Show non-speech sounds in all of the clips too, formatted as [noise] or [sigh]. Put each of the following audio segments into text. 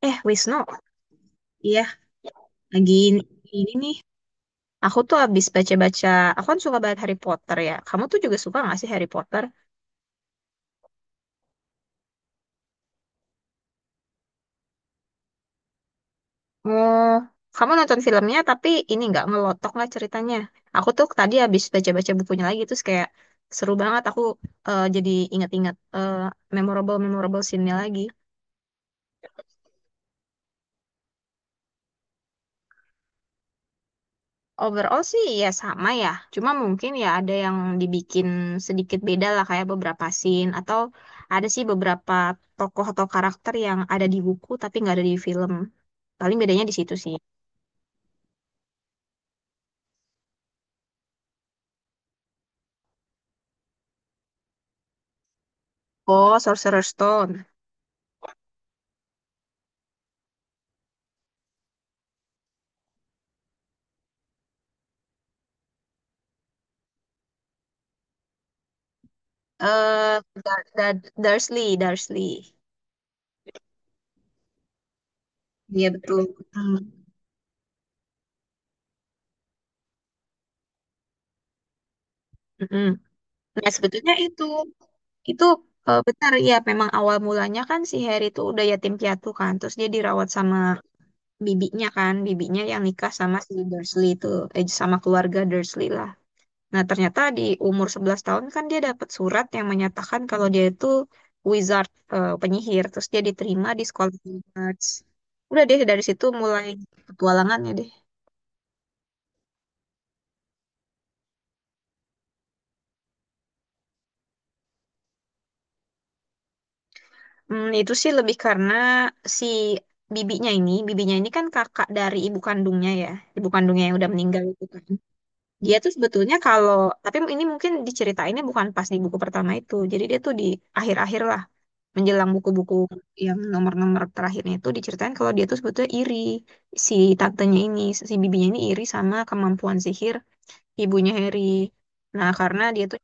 Wisnu, iya, lagi ini nih. Aku tuh habis baca-baca, aku kan suka banget Harry Potter ya. Kamu tuh juga suka gak sih Harry Potter? Oh, kamu nonton filmnya tapi ini nggak ngelotok lah ceritanya. Aku tuh tadi habis baca-baca bukunya lagi, terus kayak seru banget. Aku jadi inget-inget memorable-memorable scene-nya lagi. Overall sih ya sama ya, cuma mungkin ya ada yang dibikin sedikit beda lah kayak beberapa scene atau ada sih beberapa tokoh atau karakter yang ada di buku tapi nggak ada di film. Paling bedanya di situ sih. Oh, Sorcerer Stone. Eh, Dursley, Dursley. Iya betul. Hmm. Mm-mm. Nah, sebetulnya itu benar ya, memang awal mulanya kan si Harry itu udah yatim piatu kan, terus dia dirawat sama bibinya kan, bibinya yang nikah sama si Dursley itu, sama keluarga Dursley lah. Nah, ternyata di umur 11 tahun kan dia dapat surat yang menyatakan kalau dia itu wizard, eh, penyihir. Terus dia diterima di sekolah Hogwarts. Udah deh dari situ mulai petualangannya deh. Hmm, itu sih lebih karena si bibinya ini kan kakak dari ibu kandungnya ya, ibu kandungnya yang udah meninggal itu kan. Dia tuh sebetulnya kalau, tapi ini mungkin diceritainnya bukan pas di buku pertama itu. Jadi dia tuh di akhir-akhir lah, menjelang buku-buku yang nomor-nomor terakhirnya itu diceritain kalau dia tuh sebetulnya iri. Si tantenya ini, si bibinya ini iri sama kemampuan sihir ibunya Harry. Nah, karena dia tuh,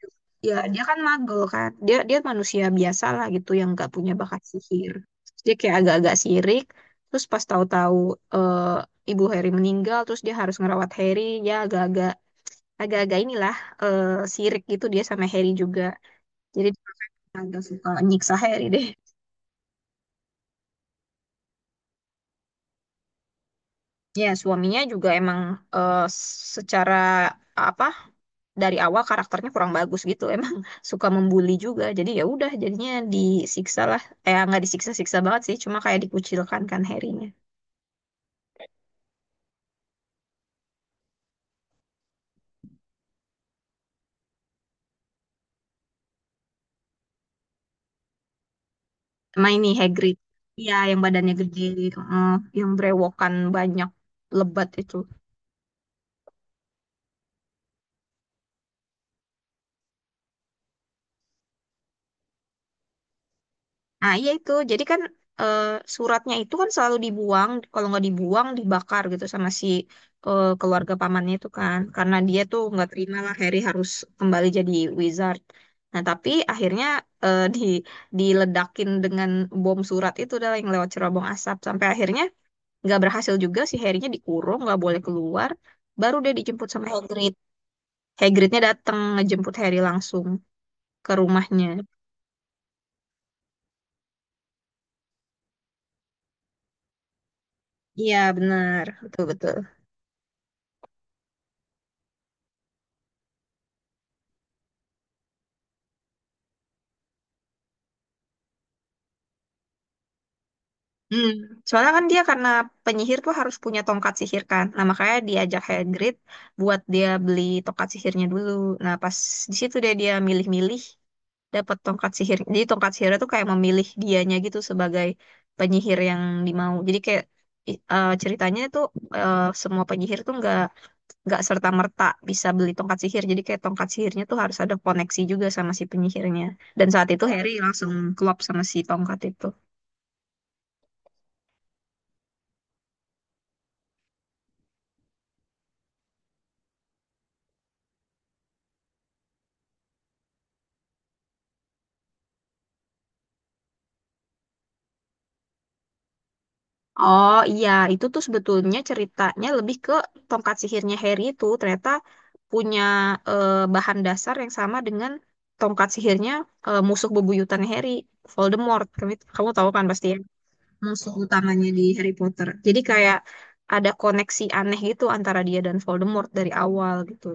ya dia kan magel kan. Dia dia manusia biasa lah gitu yang gak punya bakat sihir. Terus dia kayak agak-agak sirik. Terus pas tahu-tahu eh, ibu Harry meninggal, terus dia harus ngerawat Harry, ya agak-agak inilah, eh sirik gitu dia sama Harry juga. Jadi agak suka nyiksa Harry deh. Ya, suaminya juga emang, eh, secara apa, dari awal karakternya kurang bagus gitu. Emang [laughs] suka membuli juga. Jadi ya udah jadinya disiksa lah. Eh, nggak disiksa-siksa banget sih, cuma kayak dikucilkan kan Harry-nya. Sama ini Hagrid. Iya, yang badannya gede, eh, yang brewokan banyak lebat itu. Nah, iya itu. Jadi kan eh, suratnya itu kan selalu dibuang. Kalau nggak dibuang, dibakar gitu sama si keluarga pamannya itu kan. Karena dia tuh nggak terima lah Harry harus kembali jadi wizard. Nah, tapi akhirnya eh, di diledakin dengan bom surat itu adalah yang lewat cerobong asap. Sampai akhirnya nggak berhasil juga si Harry-nya dikurung, nggak boleh keluar. Baru dia dijemput sama Hagrid. Hagridnya datang ngejemput Harry langsung ke rumahnya. Iya, benar. Betul-betul. Hmm. Soalnya kan dia karena penyihir tuh harus punya tongkat sihir kan. Nah, makanya diajak Hagrid buat dia beli tongkat sihirnya dulu. Nah, pas di situ dia dia milih-milih dapat tongkat sihir. Jadi tongkat sihirnya tuh kayak memilih dianya gitu sebagai penyihir yang dimau. Jadi kayak ceritanya tuh, semua penyihir tuh nggak serta merta bisa beli tongkat sihir. Jadi kayak tongkat sihirnya tuh harus ada koneksi juga sama si penyihirnya. Dan saat itu Harry langsung klop sama si tongkat itu. Oh iya, itu tuh sebetulnya ceritanya lebih ke tongkat sihirnya Harry itu ternyata punya eh, bahan dasar yang sama dengan tongkat sihirnya musuh bebuyutan Harry, Voldemort. Kamu tahu kan pasti ya, musuh utamanya di Harry Potter. Jadi kayak ada koneksi aneh gitu antara dia dan Voldemort dari awal gitu.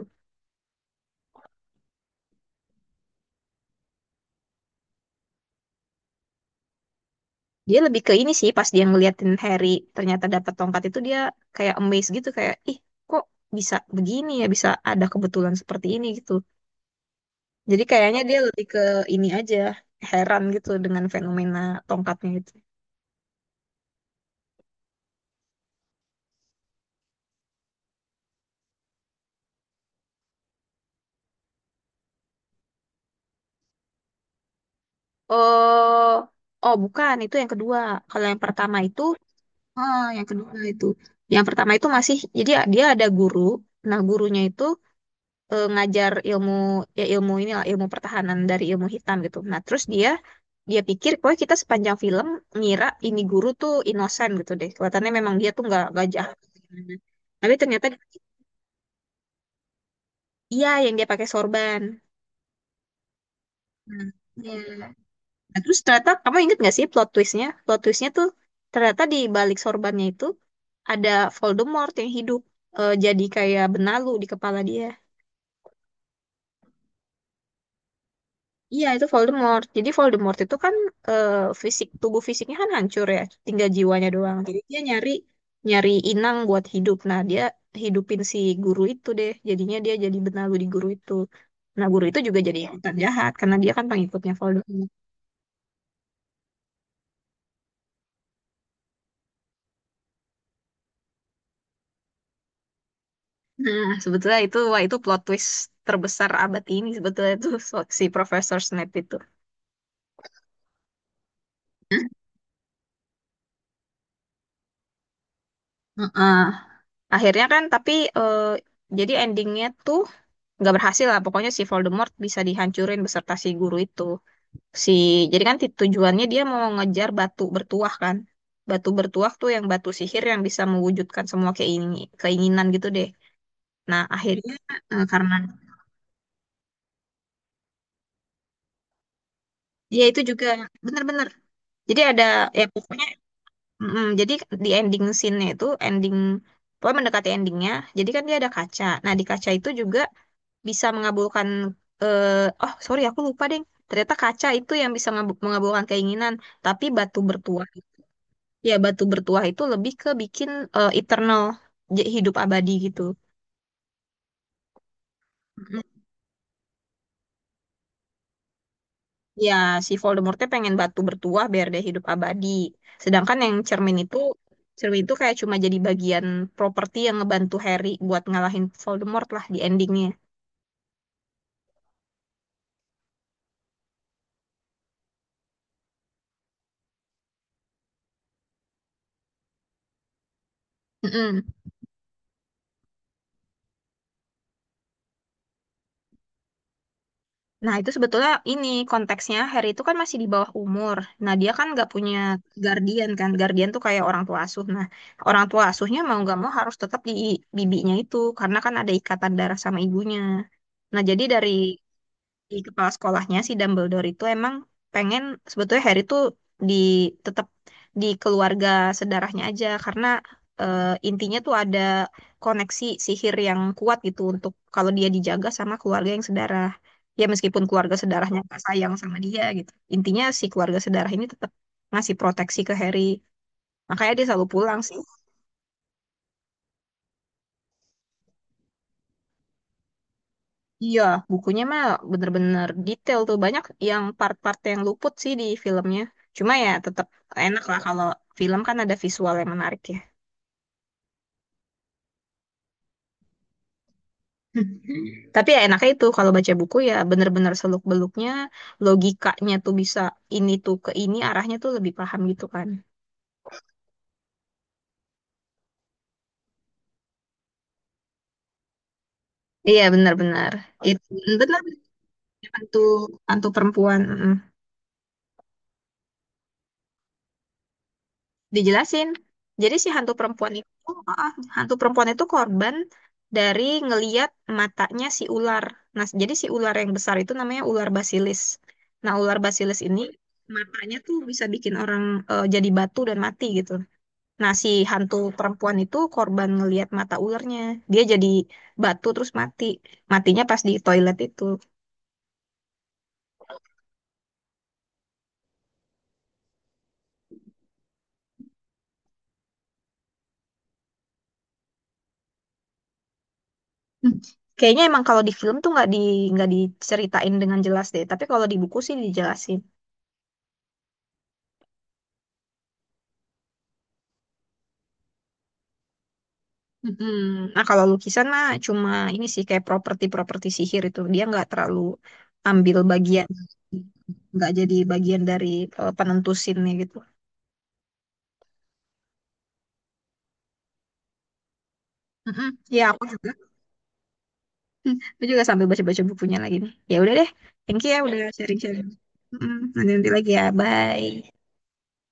Dia lebih ke ini sih, pas dia ngeliatin Harry ternyata dapat tongkat itu dia kayak amazed gitu, kayak ih, kok bisa begini ya, bisa ada kebetulan seperti ini gitu. Jadi kayaknya dia lebih ke ini aja, heran gitu dengan fenomena tongkatnya itu. Oh, oh bukan, itu yang kedua. Kalau yang pertama itu, ah, yang kedua itu. Yang pertama itu masih, jadi dia ada guru. Nah, gurunya itu ngajar ilmu, ya ilmu ini lah, ilmu pertahanan dari ilmu hitam gitu. Nah, terus dia pikir, pokoknya kita sepanjang film ngira ini guru tuh inosan gitu deh. Kelihatannya memang dia tuh nggak jahat. Tapi ternyata, iya yang dia pakai sorban. Hmm, iya. Nah, terus ternyata kamu inget gak sih plot twistnya? Plot twistnya tuh ternyata di balik sorbannya itu ada Voldemort yang hidup, jadi kayak benalu di kepala dia. Iya itu Voldemort. Jadi Voldemort itu kan eh, fisik, tubuh fisiknya kan hancur ya, tinggal jiwanya doang. Jadi dia nyari nyari inang buat hidup. Nah, dia hidupin si guru itu deh. Jadinya dia jadi benalu di guru itu. Nah, guru itu juga jadi hutan jahat karena dia kan pengikutnya Voldemort. Nah, sebetulnya itu, wah itu plot twist terbesar abad ini sebetulnya itu, [laughs] si Profesor Snape itu. Heeh. Akhirnya kan, tapi eh, jadi endingnya tuh nggak berhasil lah. Pokoknya si Voldemort bisa dihancurin beserta si guru itu. Si, jadi kan tujuannya dia mau ngejar batu bertuah kan. Batu bertuah tuh yang batu sihir yang bisa mewujudkan semua keinginan gitu deh. Nah, akhirnya karena dia itu juga bener-bener. Jadi ada, ya pokoknya. Mm-mm, jadi di ending scene-nya itu, ending pokoknya mendekati endingnya. Jadi kan dia ada kaca. Nah, di kaca itu juga bisa mengabulkan, eh oh sorry aku lupa deh. Ternyata kaca itu yang bisa mengabulkan keinginan. Tapi batu bertuah, ya batu bertuah itu lebih ke bikin eternal, hidup abadi gitu. Ya, si Voldemortnya pengen batu bertuah biar dia hidup abadi. Sedangkan yang cermin itu kayak cuma jadi bagian properti yang ngebantu Harry buat ngalahin Voldemort lah di endingnya. Mm-mm. Nah, itu sebetulnya ini konteksnya Harry itu kan masih di bawah umur. Nah, dia kan nggak punya guardian kan. Guardian tuh kayak orang tua asuh. Nah, orang tua asuhnya mau nggak mau harus tetap di bibinya itu karena kan ada ikatan darah sama ibunya. Nah, jadi dari di kepala sekolahnya si Dumbledore itu emang pengen sebetulnya Harry tuh di tetap di keluarga sedarahnya aja karena eh, intinya tuh ada koneksi sihir yang kuat gitu untuk kalau dia dijaga sama keluarga yang sedarah. Ya meskipun keluarga sedarahnya gak sayang sama dia gitu. Intinya si keluarga sedarah ini tetap ngasih proteksi ke Harry. Makanya dia selalu pulang sih. Iya, bukunya mah bener-bener detail tuh. Banyak yang part-part yang luput sih di filmnya. Cuma ya tetap enak lah kalau film kan ada visual yang menarik ya. [laughs] Tapi ya enaknya itu kalau baca buku ya bener-bener seluk-beluknya, logikanya tuh bisa ini tuh ke ini, arahnya tuh lebih paham gitu kan. Iya, benar-benar. Itu benar-benar hantu hantu perempuan. Mm. Dijelasin. Jadi si hantu perempuan itu, hantu perempuan itu korban dari ngeliat matanya si ular. Nah, jadi si ular yang besar itu namanya ular basilis. Nah, ular basilis ini matanya tuh bisa bikin orang jadi batu dan mati gitu. Nah, si hantu perempuan itu korban ngeliat mata ularnya. Dia jadi batu terus mati. Matinya pas di toilet itu. Hmm. Kayaknya emang kalau di film tuh nggak diceritain dengan jelas deh. Tapi kalau di buku sih dijelasin. Mm-mm. Nah, kalau lukisan mah cuma ini sih kayak properti-properti sihir itu dia nggak terlalu ambil bagian, nggak jadi bagian dari penentu scene-nya gitu. Mm-mm. Ya aku juga, hmm, aku juga sambil baca-baca bukunya lagi nih. Ya udah deh, thank you ya udah sharing-sharing. Mm-mm. Nanti-nanti lagi ya, bye.